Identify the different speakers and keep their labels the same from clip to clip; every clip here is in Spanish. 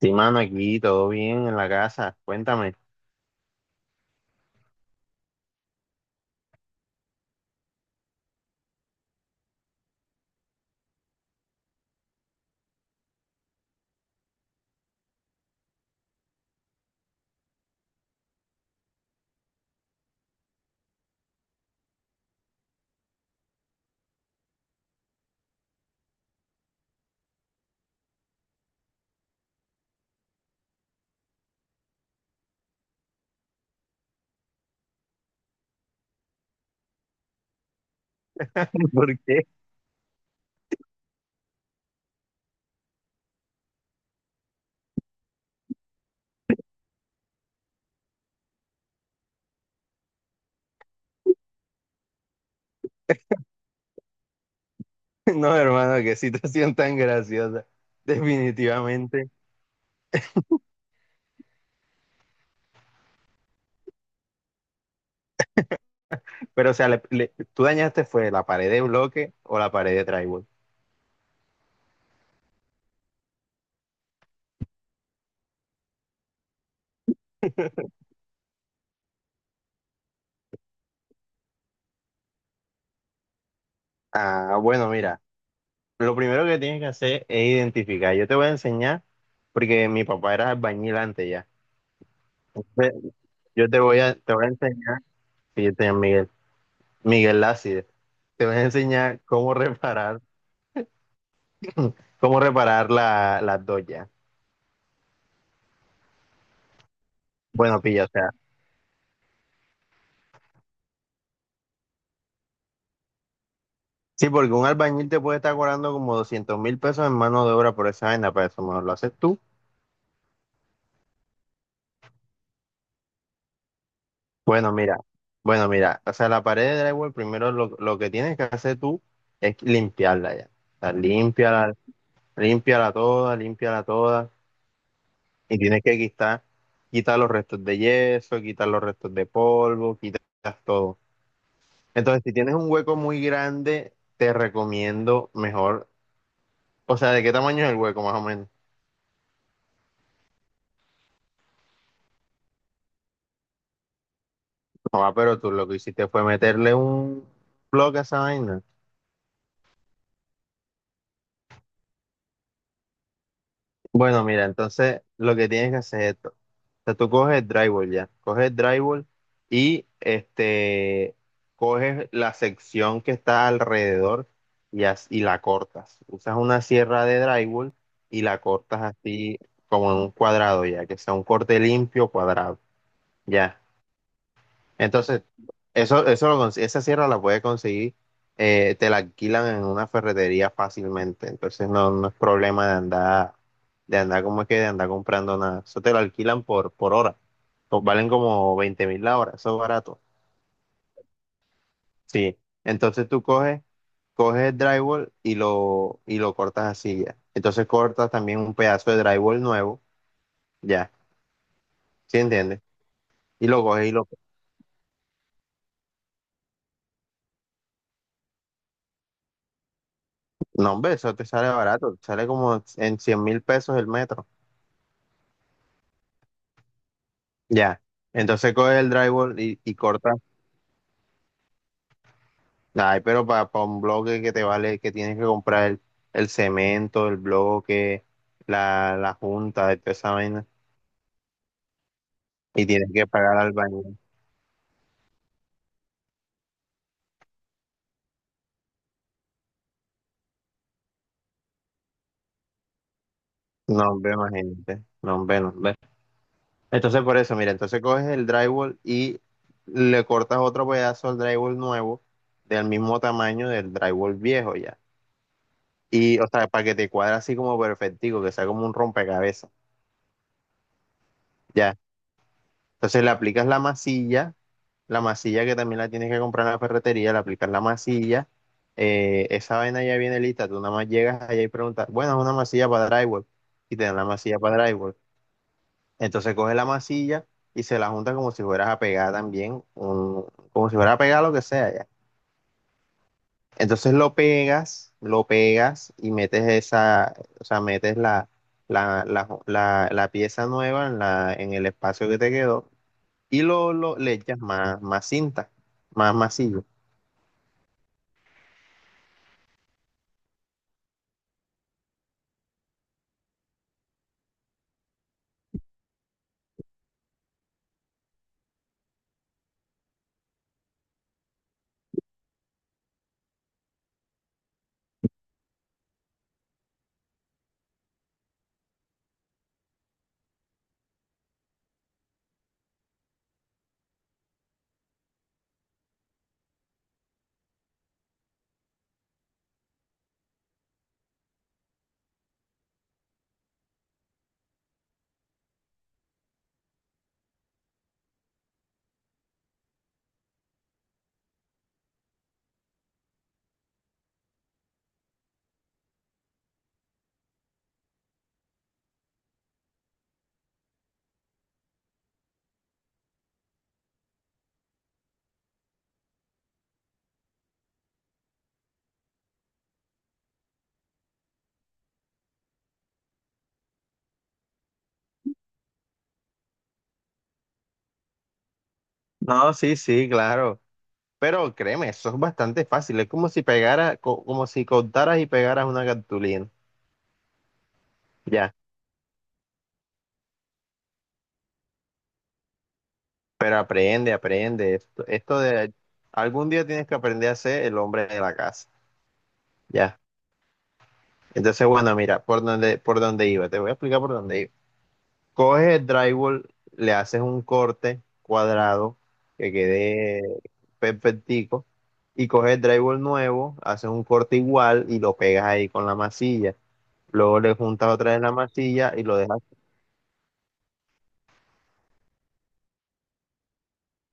Speaker 1: Sí, mano, aquí todo bien en la casa. Cuéntame. ¿Por qué? No, hermano, qué situación tan graciosa. Definitivamente. Pero, o sea, ¿tú dañaste fue la pared de bloque o la pared de drywall? Ah, bueno, mira, lo primero que tienes que hacer es identificar. Yo te voy a enseñar, porque mi papá era albañil antes ya. Ve, Yo te voy a enseñar, fíjate, Miguel, Miguel Lázide, te voy a enseñar cómo reparar las dos ya. Bueno, pilla, o sea. Sí, porque un albañil te puede estar cobrando como 200.000 pesos en mano de obra por esa vaina, para eso mejor lo haces tú. Bueno, mira, o sea, la pared de drywall, primero lo que tienes que hacer tú es limpiarla ya. O sea, límpiala, límpiala toda, límpiala toda. Y tienes que quitar los restos de yeso, quitar los restos de polvo, quitas todo. Entonces, si tienes un hueco muy grande, te recomiendo mejor, o sea, ¿de qué tamaño es el hueco más o menos? Joa, pero tú lo que hiciste fue meterle un bloque a esa vaina. Bueno, mira, entonces lo que tienes que hacer es esto. O sea, tú coges el drywall ya, coges el drywall y este, coges la sección que está alrededor y la cortas. Usas una sierra de drywall y la cortas así como en un cuadrado ya, que sea un corte limpio cuadrado. Ya. Entonces, esa sierra la puedes conseguir, te la alquilan en una ferretería fácilmente. Entonces no es problema de andar, como es que de andar comprando nada. Eso te lo alquilan por hora. Pues valen como 20.000 la hora, eso es barato. Sí. Entonces tú coges el drywall y lo cortas así ya. Entonces cortas también un pedazo de drywall nuevo, ya. ¿Sí entiendes? Y lo coges y lo... No, hombre, eso te sale barato, te sale como en 100.000 pesos el metro. Ya. Entonces coges el drywall y cortas. Ay, pero para un bloque que te vale, que tienes que comprar el cemento, el bloque, la junta, de toda esa vaina. Y tienes que pagar al baño. No, hombre, imagínate. No, hombre, no, hombre. Entonces, por eso, mira, entonces coges el drywall y le cortas otro pedazo al drywall nuevo, del mismo tamaño del drywall viejo ya. Y, o sea, para que te cuadre así como perfectico, que sea como un rompecabezas. Ya. Entonces le aplicas la masilla que también la tienes que comprar en la ferretería, le aplicas la masilla, esa vaina ya viene lista, tú nada más llegas allá y preguntas, bueno, es una masilla para drywall, y te dan la masilla para drywall. Entonces coges la masilla y se la junta como si fueras a pegar también, como si fueras a pegar lo que sea ya. Entonces lo pegas y metes esa, o sea, metes la pieza nueva en el espacio que te quedó y le echas más cinta, más masillo. No, sí, sí, claro. Pero créeme, eso es bastante fácil. Es como si pegara, como si cortaras y pegaras una cartulina. Ya. Pero aprende, aprende. Esto de algún día tienes que aprender a ser el hombre de la casa. Ya. Entonces, bueno, mira, por dónde iba. Te voy a explicar por dónde iba. Coges el drywall, le haces un corte cuadrado que quede perfectico y coges el drywall nuevo, haces un corte igual y lo pegas ahí con la masilla. Luego le juntas otra vez la masilla y lo dejas.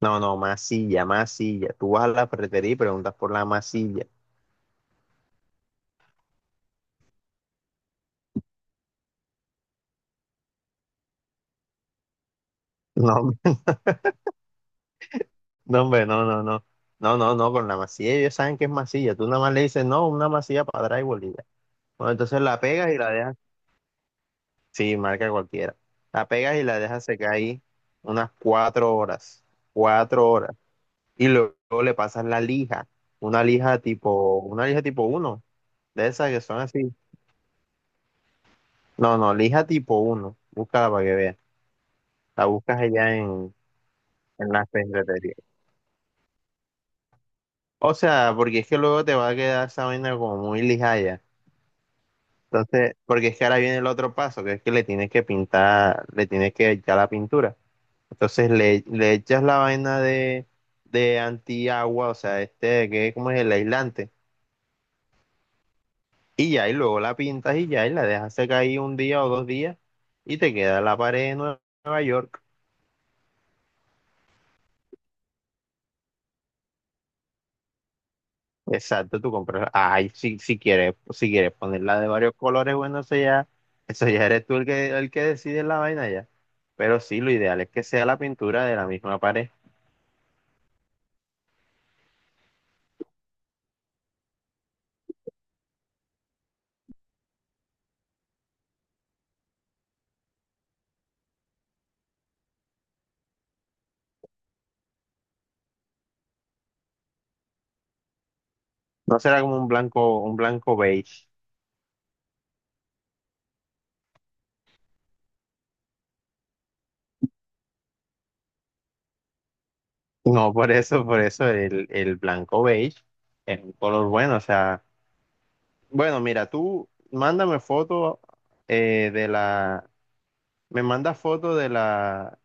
Speaker 1: No, no, masilla, masilla. Tú vas a la ferretería y preguntas por la masilla. No, no, hombre, no, no, no. No, no, no, con la masilla ellos saben que es masilla. Tú nada más le dices, no, una masilla para drywall y ya. Bueno, entonces la pegas y la dejas. Sí, marca cualquiera. La pegas y la dejas secar ahí unas 4 horas, 4 horas. Y luego le pasas la lija, una lija tipo uno, de esas que son así. No, no, lija tipo uno, búscala para que veas. La buscas allá en las ferreterías. O sea, porque es que luego te va a quedar esa vaina como muy lijaya. Entonces, porque es que ahora viene el otro paso, que es que le tienes que pintar, le tienes que echar la pintura. Entonces le echas la vaina de antiagua, o sea, este que cómo es el aislante, y ya, y luego la pintas y ya, y la dejas secar ahí un día o 2 días, y te queda la pared de Nueva York. Exacto, tú compras. Ay, si quieres ponerla de varios colores, bueno, eso ya eres tú el que decide la vaina ya. Pero sí, lo ideal es que sea la pintura de la misma pared. No será como un blanco beige. No, por eso el blanco beige es un color bueno. O sea, bueno, mira, tú mándame foto eh, de la, me mandas foto de la,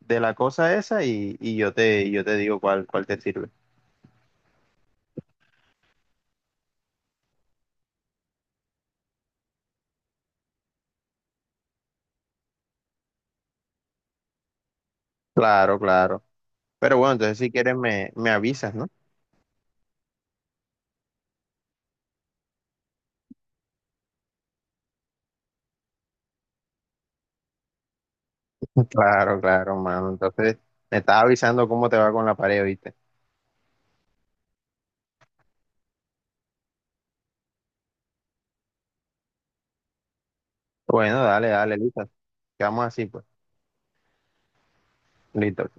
Speaker 1: de la cosa esa y yo te digo cuál te sirve. Claro, claro. Pero bueno, entonces si quieres me avisas, ¿no? Claro, claro, mano. Entonces me estás avisando cómo te va con la pared, ¿viste? Bueno, dale, dale, listo. Quedamos así, pues. Listo.